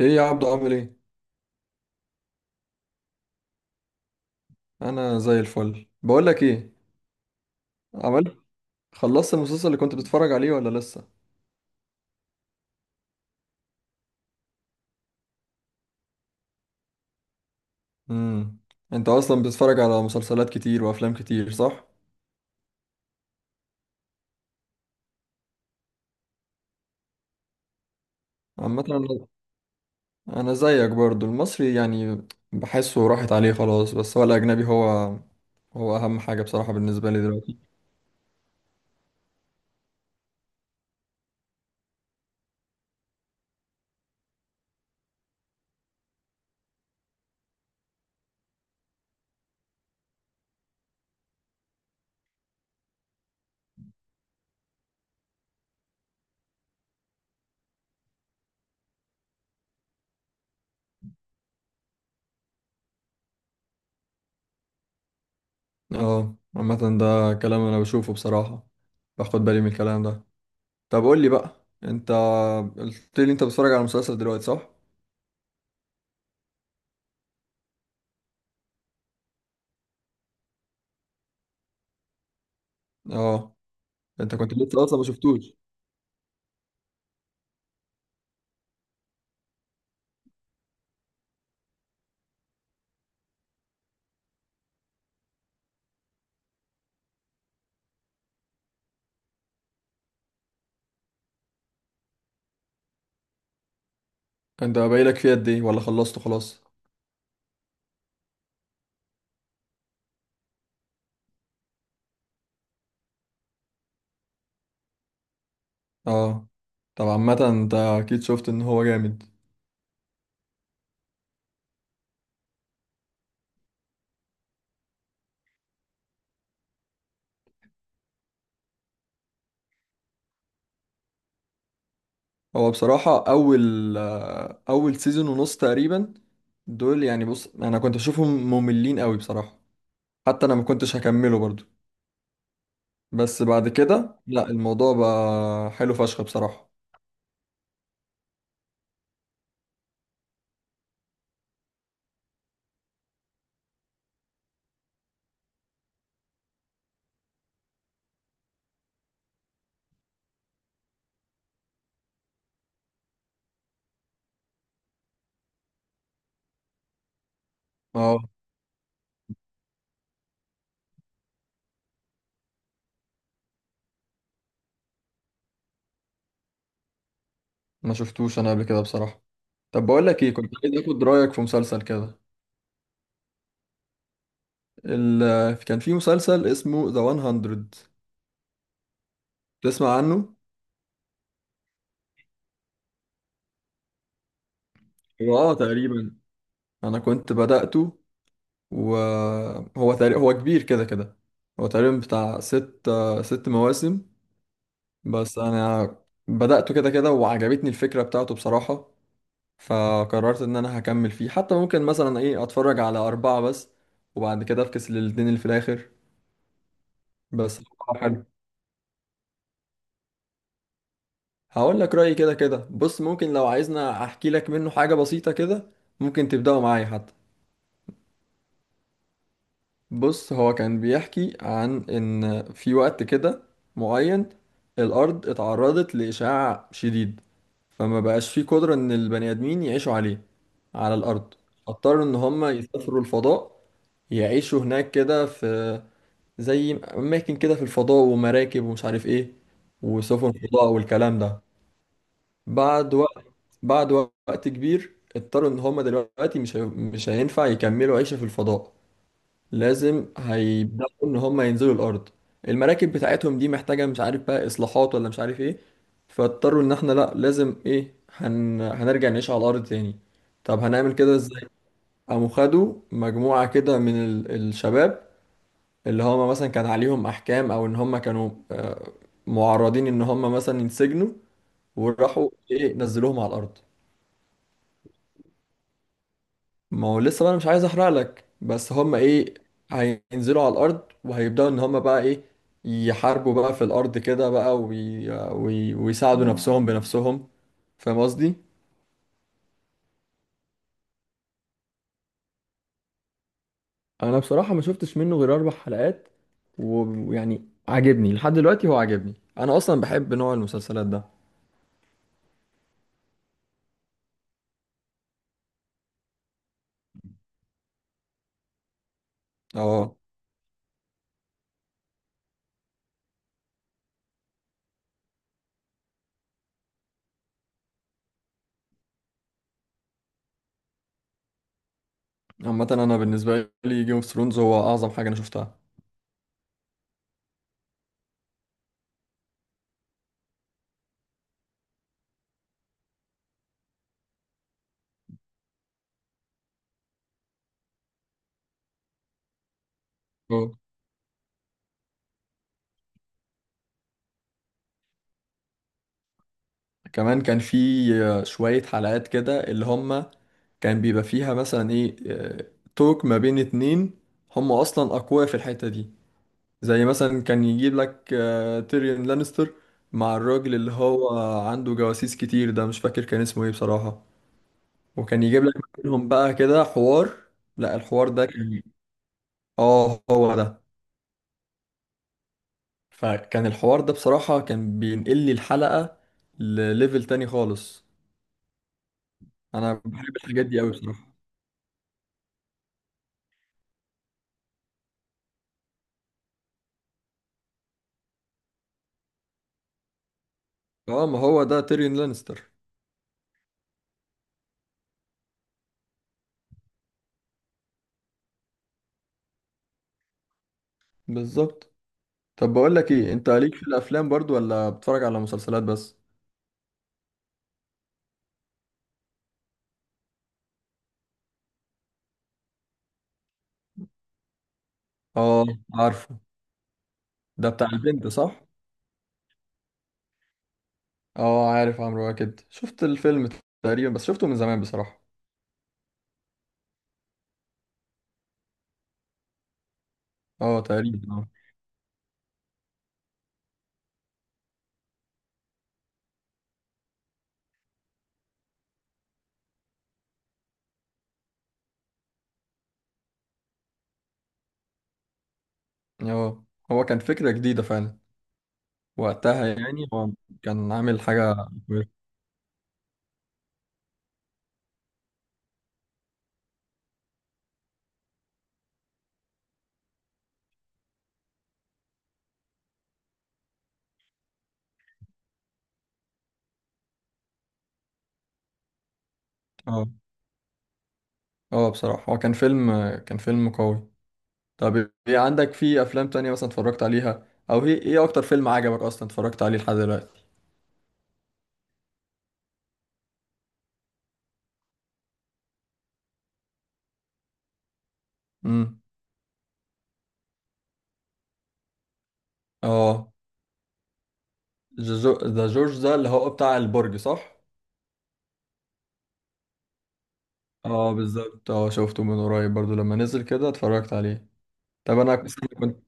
ايه يا عبدو عامل ايه؟ انا زي الفل. بقول لك ايه، عملت خلصت المسلسل اللي كنت بتتفرج عليه ولا لسه؟ امم. انت اصلا بتتفرج على مسلسلات كتير وافلام كتير صح؟ عامه أنا زيك برضو، المصري يعني بحسه راحت عليه خلاص، بس هو الاجنبي هو اهم حاجه بصراحه بالنسبه لي دلوقتي. اه، عامه ده كلام انا بشوفه بصراحه، باخد بالي من الكلام ده. طب قول لي بقى انت، قلت لي انت بتتفرج على مسلسل دلوقتي صح؟ اه. انت كنت لسه اصلا ما شفتوش؟ انت باقيلك فيه قد ايه ولا خلصته خلاص؟ اه. طب عامة انت اكيد شفت ان هو جامد. هو بصراحة اول سيزون ونص تقريبا، دول يعني بص انا كنت بشوفهم مملين قوي بصراحة، حتى انا ما كنتش هكمله برضو، بس بعد كده لا، الموضوع بقى حلو فشخ بصراحة. اه. ما شفتوش انا قبل كده بصراحة. طب بقول لك ايه، كنت عايز اخد رأيك في مسلسل كده. ال... كان في مسلسل اسمه ذا 100، تسمع عنه؟ هو اه، تقريبا انا كنت بدأته، وهو تقريبا هو كبير كده كده، هو تقريبا بتاع ست مواسم. بس انا بدأته كده كده، وعجبتني الفكرة بتاعته بصراحة، فقررت ان انا هكمل فيه، حتى ممكن مثلا ايه اتفرج على اربعة بس وبعد كده افكس للاتنين اللي في الاخر. بس هو حلو. هقول لك رأيي كده كده. بص، ممكن لو عايزنا احكي لك منه حاجة بسيطة كده، ممكن تبدأوا معايا حتى. بص، هو كان بيحكي عن ان في وقت كده معين، الارض اتعرضت لاشعاع شديد، فما بقاش في قدرة ان البني ادمين يعيشوا عليه، على الارض. اضطروا ان هم يسافروا الفضاء، يعيشوا هناك كده في زي اماكن كده في الفضاء ومراكب ومش عارف ايه، وسفن فضاء والكلام ده. بعد وقت بعد وقت كبير اضطروا ان هم دلوقتي مش هينفع يكملوا عيشة في الفضاء، لازم هيبداوا ان هم ينزلوا الارض. المراكب بتاعتهم دي محتاجه مش عارف بقى اصلاحات ولا مش عارف ايه، فاضطروا ان احنا لا، لازم ايه، هنرجع نعيش على الارض تاني. طب هنعمل كده ازاي؟ قاموا خدوا مجموعه كده من الشباب اللي هم مثلا كان عليهم احكام او ان هم كانوا معرضين ان هم مثلا ينسجنوا، وراحوا ايه نزلوهم على الارض. ما هو لسه بقى، انا مش عايز احرق لك، بس هم ايه، هينزلوا على الارض وهيبداوا ان هم بقى ايه، يحاربوا بقى في الارض كده بقى، ويساعدوا نفسهم بنفسهم. فاهم قصدي؟ انا بصراحه ما شفتش منه غير 4 حلقات، ويعني عاجبني لحد دلوقتي. هو عاجبني، انا اصلا بحب نوع المسلسلات ده. اه. عامه انا بالنسبه لي جيم اوف ثرونز هو اعظم حاجه انا شفتها. اه. كمان كان في شويه حلقات كده اللي هم كان بيبقى فيها مثلا ايه توك ما بين اتنين، هم اصلا اقوياء في الحتة دي، زي مثلا كان يجيب لك تيريون لانستر مع الراجل اللي هو عنده جواسيس كتير، ده مش فاكر كان اسمه ايه بصراحة، وكان يجيب لك منهم بقى كده حوار. لا، الحوار ده كان، اه هو ده. فكان الحوار ده بصراحة كان بينقل لي الحلقة لليفل تاني خالص. انا بحب الحاجات دي قوي بصراحة. اه، ما هو ده تيريون لانستر. بالظبط. طب بقول لك ايه، انت ليك في الافلام برضو ولا بتتفرج على مسلسلات بس؟ اه. عارفه. ده بتاع البنت صح؟ اه، عارف عمرو واكد. شفت الفيلم تقريبا، بس شفته من زمان بصراحة. اه تقريبا اه. اه، هو كان فكرة جديدة فعلا وقتها، يعني هو كان عامل حاجة كويسة. اه. اه، بصراحة هو كان فيلم قوي. طب، ايه عندك في افلام تانية مثلا اتفرجت عليها، او ايه اكتر فيلم عجبك اصلا اتفرجت عليه لحد دلوقتي؟ امم اه. ذا جورج ده اللي هو بتاع البرج صح؟ اه بالظبط، اه شفته من قريب برضو لما نزل كده اتفرجت عليه. طب انا،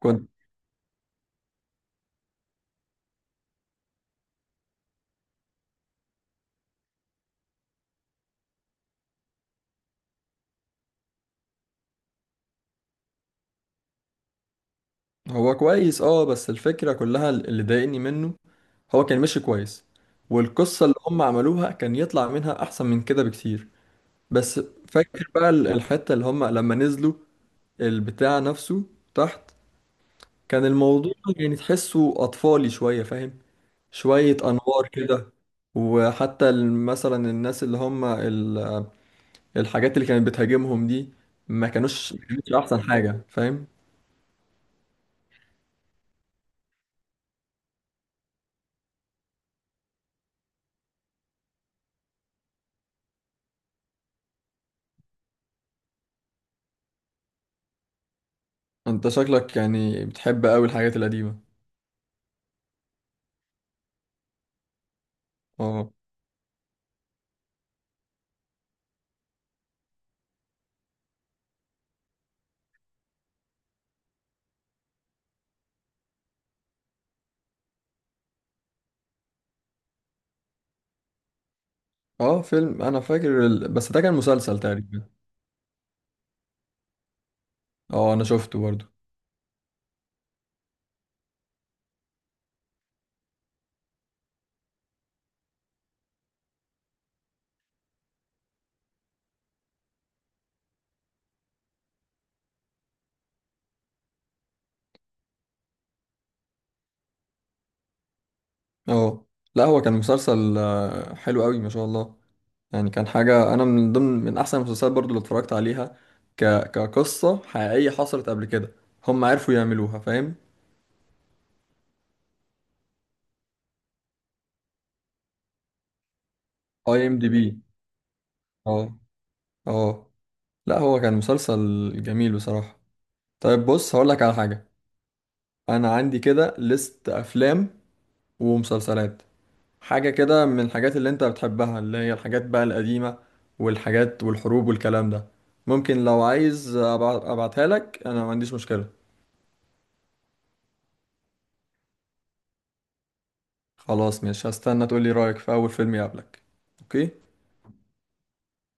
كنت- هو كويس. اه بس الفكرة كلها اللي ضايقني منه، هو كان ماشي كويس والقصة اللي هم عملوها كان يطلع منها احسن من كده بكتير. بس فاكر بقى الحتة اللي هم لما نزلوا البتاع نفسه تحت، كان الموضوع يعني تحسه اطفالي شوية، فاهم؟ شوية أنوار كده، وحتى مثلا الناس اللي هم الحاجات اللي كانت بتهاجمهم دي ما كانتش أحسن حاجة، فاهم؟ أنت شكلك يعني بتحب أوي الحاجات القديمة. اه. اه، فيلم أنا فاكر بس ده كان مسلسل تقريبا. اه أنا شفته برضو. اه لا، هو كان مسلسل حلو أوي ما شاء الله، يعني كان حاجة، أنا من ضمن من أحسن المسلسلات برضو اللي اتفرجت عليها، ك... كقصة حقيقية حصلت قبل كده، هم عرفوا يعملوها، فاهم؟ IMDB. اه. اه لا، هو كان مسلسل جميل بصراحة. طيب بص هقولك على حاجة، انا عندي كده ليست افلام ومسلسلات، حاجة كده من الحاجات اللي انت بتحبها اللي هي الحاجات بقى القديمة والحاجات والحروب والكلام ده. ممكن لو عايز ابعتها لك، انا ما عنديش مشكلة. خلاص مش هستنى، تقولي رأيك في اول فيلم يقابلك. اوكي.